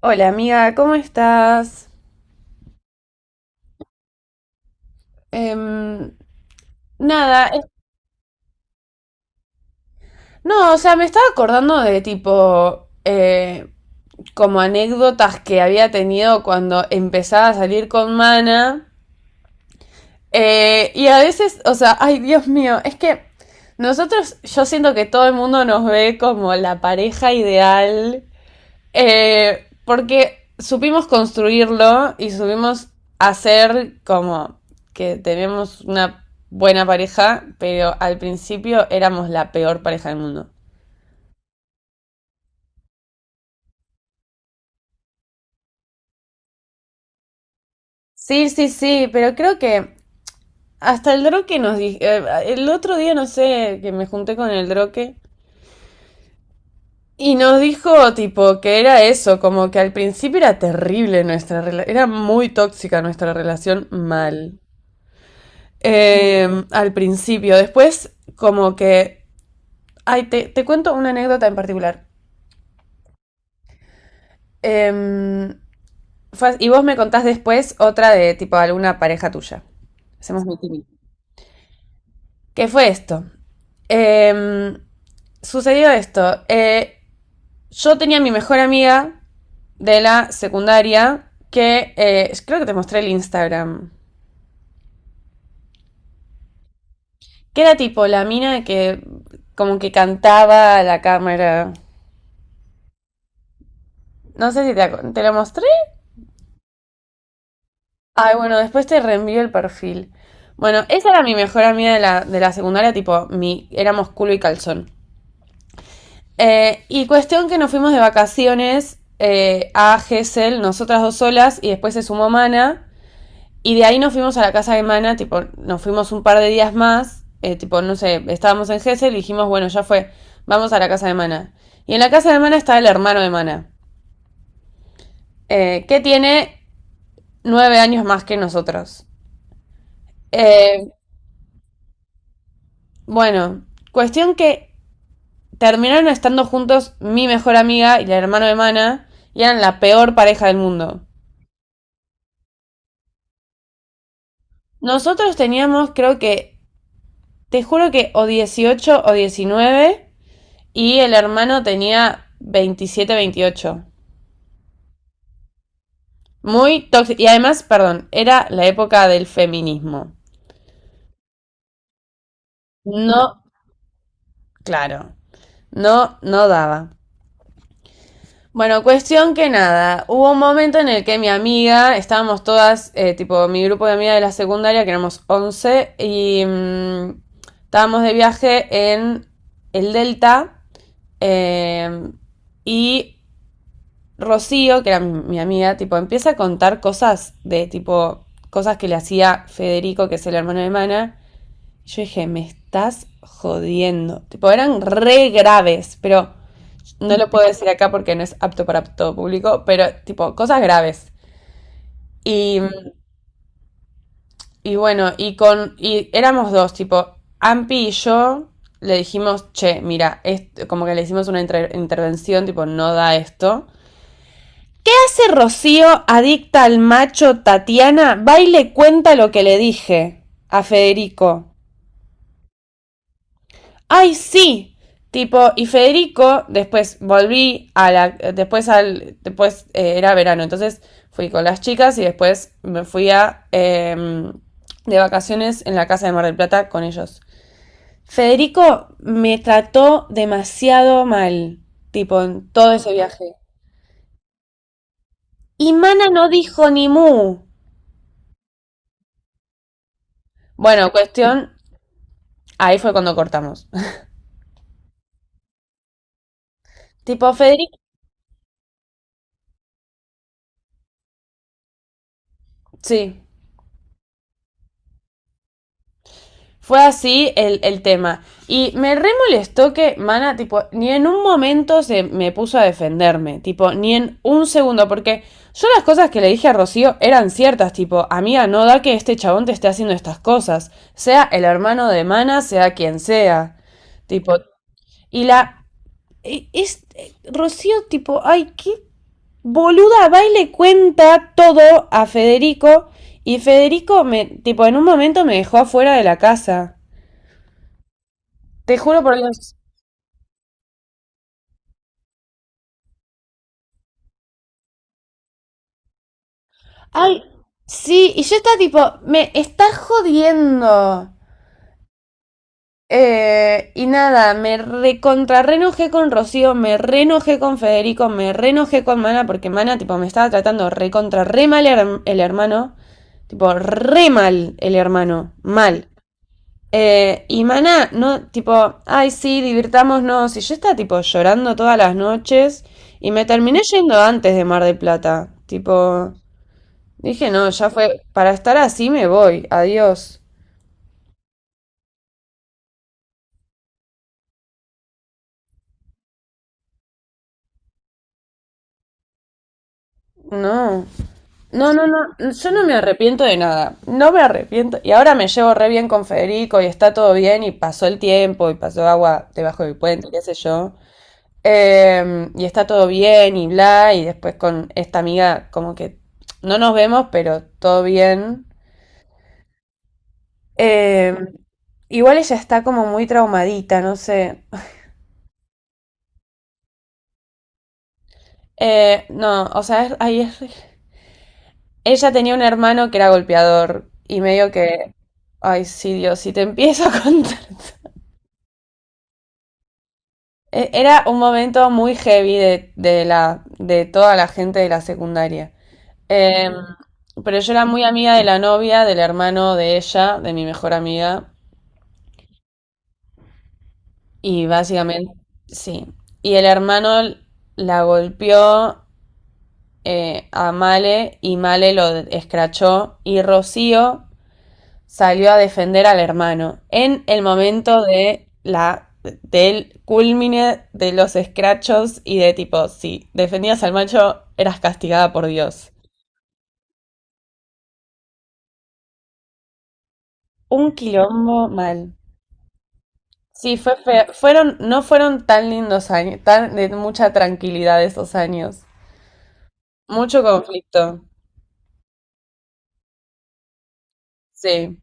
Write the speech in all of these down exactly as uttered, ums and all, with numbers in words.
Hola amiga, ¿cómo estás? Em, nada, eh, no, o sea, me estaba acordando de tipo, eh, como anécdotas que había tenido cuando empezaba a salir con Mana. Eh, y a veces, o sea, ay Dios mío, es que nosotros, yo siento que todo el mundo nos ve como la pareja ideal. Eh, porque supimos construirlo y supimos hacer como que tenemos una buena pareja, pero al principio éramos la peor pareja del mundo. Sí, sí, sí, pero creo que hasta el droque nos dijo, Eh, el otro día no sé, que me junté con el droque y nos dijo tipo que era eso, como que al principio era terrible nuestra relación, era muy tóxica nuestra relación mal. Eh, al principio, después como que ay, te, te cuento una anécdota en particular. Em, fue- y vos me contás después otra de tipo alguna pareja tuya. Hacemos meeting. ¿Qué fue esto? Em, sucedió esto. Eh, yo tenía mi mejor amiga de la secundaria que eh, creo que te mostré el Instagram. Que era tipo la mina que como que cantaba a la cámara. No sé si te, ac- te lo mostré. Ay, bueno, después te reenvío el perfil. Bueno, esa era mi mejor amiga de la, de la secundaria, tipo, mi, éramos culo y calzón. Eh, y cuestión que nos fuimos de vacaciones eh, a Gesell, nosotras dos solas, y después se sumó Mana. Y de ahí nos fuimos a la casa de Mana, tipo, nos fuimos un par de días más, eh, tipo, no sé, estábamos en Gesell y dijimos, bueno, ya fue, vamos a la casa de Mana. Y en la casa de Mana está el hermano de Mana, eh, que tiene nueve años más que nosotros. Eh, Bueno, cuestión que terminaron estando juntos mi mejor amiga y la hermana de Mana y eran la peor pareja del mundo. Nosotros teníamos, creo que, te juro que o dieciocho o diecinueve y el hermano tenía veintisiete veintiocho. Muy tóxico. Y además, perdón, era la época del feminismo. No, claro, no, no daba. Bueno, cuestión que nada, hubo un momento en el que mi amiga, estábamos todas, eh, tipo mi grupo de amigas de la secundaria, que éramos once y mm, estábamos de viaje en el Delta, eh, y Rocío, que era mi, mi amiga, tipo empieza a contar cosas de tipo, cosas que le hacía Federico, que es el hermano de Mana, y yo dije, me estás jodiendo, tipo eran re graves, pero... No lo puedo decir acá porque no es apto para todo público, pero tipo, cosas graves. Y, y bueno, y con. Y éramos dos, tipo, Ampi y yo le dijimos, che, mira, esto, como que le hicimos una inter- intervención, tipo, no da esto. ¿Qué hace Rocío, adicta al macho Tatiana? Va y le cuenta lo que le dije a Federico. ¡Ay, sí! Tipo, y Federico, después volví a la, después al, después eh, era verano, entonces fui con las chicas y después me fui a, eh, de vacaciones en la casa de Mar del Plata con ellos. Federico me trató demasiado mal, tipo, en todo ese viaje. Y Mana no dijo ni mu. Bueno, cuestión, ahí fue cuando cortamos. Tipo, Federico, sí. Fue así el, el tema. Y me re molestó que Mana, tipo, ni en un momento se me puso a defenderme. Tipo, ni en un segundo. Porque yo las cosas que le dije a Rocío eran ciertas. Tipo, amiga, no da que este chabón te esté haciendo estas cosas. Sea el hermano de Mana, sea quien sea. Tipo, y la. e- Es, eh, Rocío, tipo, ay, qué boluda, va y le cuenta todo a Federico. Y Federico, me, tipo, en un momento me dejó afuera de la casa. Te juro por Dios. Ay, sí, y yo estaba tipo, me está jodiendo. Eh, y nada, me recontra reenojé con Rocío, me reenojé con Federico, me reenojé con Mana, porque Mana, tipo, me estaba tratando recontra re mal her- el hermano. Tipo, re mal el hermano, mal. Eh, y Mana, no, tipo, ay, sí, divirtámonos. Y yo estaba, tipo, llorando todas las noches. Y me terminé yendo antes de Mar del Plata. Tipo, dije, no, ya fue, para estar así me voy, adiós. No, no, no, no, yo no me arrepiento de nada, no me arrepiento. Y ahora me llevo re bien con Federico y está todo bien y pasó el tiempo y pasó agua debajo del puente, qué sé yo. Eh, y está todo bien y bla, y después con esta amiga como que no nos vemos, pero todo bien. Eh, Igual ella está como muy traumadita, no sé. Eh, no, o sea, es- ahí es ella tenía un hermano que era golpeador y medio que, ay, sí, Dios, si te empiezo a contar. E- Era un momento muy heavy de, de la, de toda la gente de la secundaria. Em, pero yo era muy amiga de la novia, del hermano de ella, de mi mejor amiga, y básicamente, sí. Y el hermano la golpeó eh, a Male y Male lo escrachó y Rocío salió a defender al hermano en el momento de la del culmine de los escrachos y de tipo, si defendías al macho, eras castigada por Dios. Un quilombo mal. Sí, fue feo. Fueron, no fueron tan lindos años, tan de mucha tranquilidad esos años. Mucho conflicto. Sí.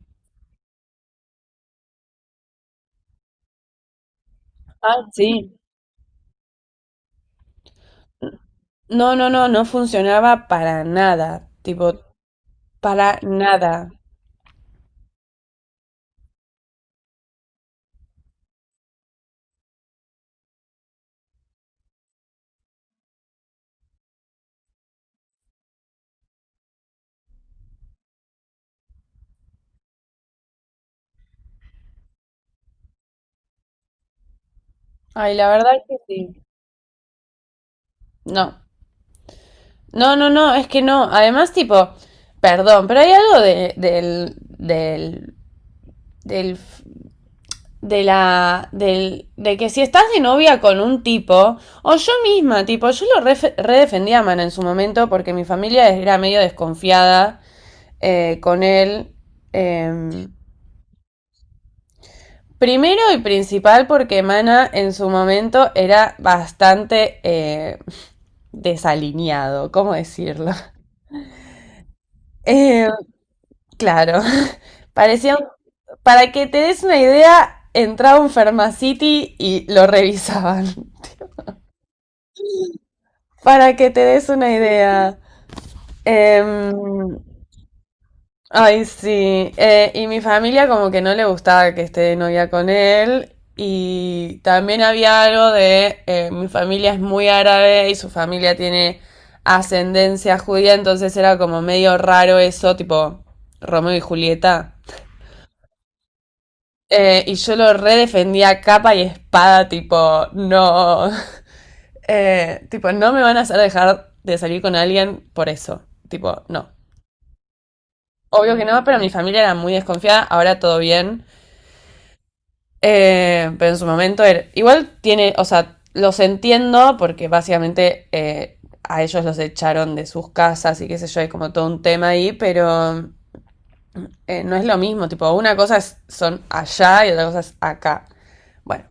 Ah, sí. No, no, no, no funcionaba para nada. Tipo, para nada. Ay, la verdad es que sí. No. No, no, no, es que no. Además, tipo, perdón, pero hay algo de, del, del, del, de la, del, de que si estás de novia con un tipo, o yo misma, tipo, yo lo ref- redefendí a Mana en su momento porque mi familia era medio desconfiada eh, con él. eh, Primero y principal porque Mana en su momento era bastante eh, desalineado, ¿cómo decirlo? Eh, claro, parecía un... Para que te des una idea, entraba un Pharmacity y lo revisaban. Para que te des una idea. Em, ay, sí. Eh, y mi familia como que no le gustaba que esté de novia con él. Y también había algo de, eh, mi familia es muy árabe y su familia tiene ascendencia judía, entonces era como medio raro eso, tipo Romeo y Julieta. Eh, y yo lo redefendía a capa y espada, tipo, no. Eh, tipo, no me van a hacer dejar de salir con alguien por eso. Tipo, no. Obvio que no, pero mi familia era muy desconfiada, ahora todo bien. Eh, pero en su momento era... Igual tiene, o sea, los entiendo porque básicamente eh, a ellos los echaron de sus casas y qué sé yo, hay como todo un tema ahí, pero eh, no es lo mismo, tipo, una cosa es, son allá y otra cosa es acá. Bueno,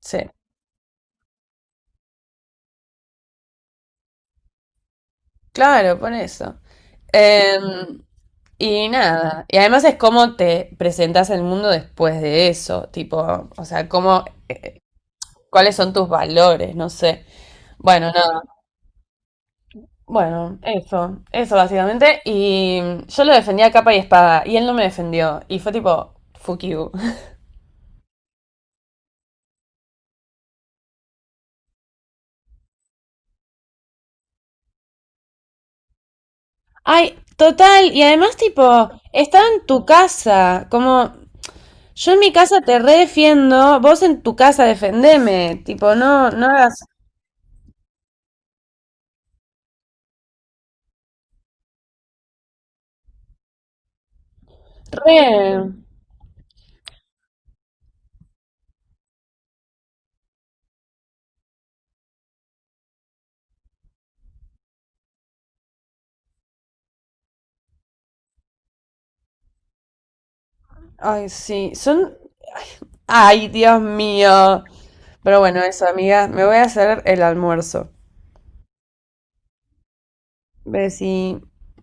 sí, claro, por eso. Em, y nada, y además es cómo te presentas al mundo después de eso, tipo, o sea, cómo, cuáles son tus valores, no sé. Bueno, nada, bueno, eso, eso básicamente. Y yo lo defendía a capa y espada, y él no me defendió, y fue tipo, fuck you. Ay, total, y además, tipo, estaba en tu casa, como, yo en mi casa te redefiendo, vos en tu casa defendeme, tipo, no, no hagas re. Ay, sí, son... Ay, Dios mío. Pero bueno, eso, amiga, me voy a hacer el almuerzo. Besí.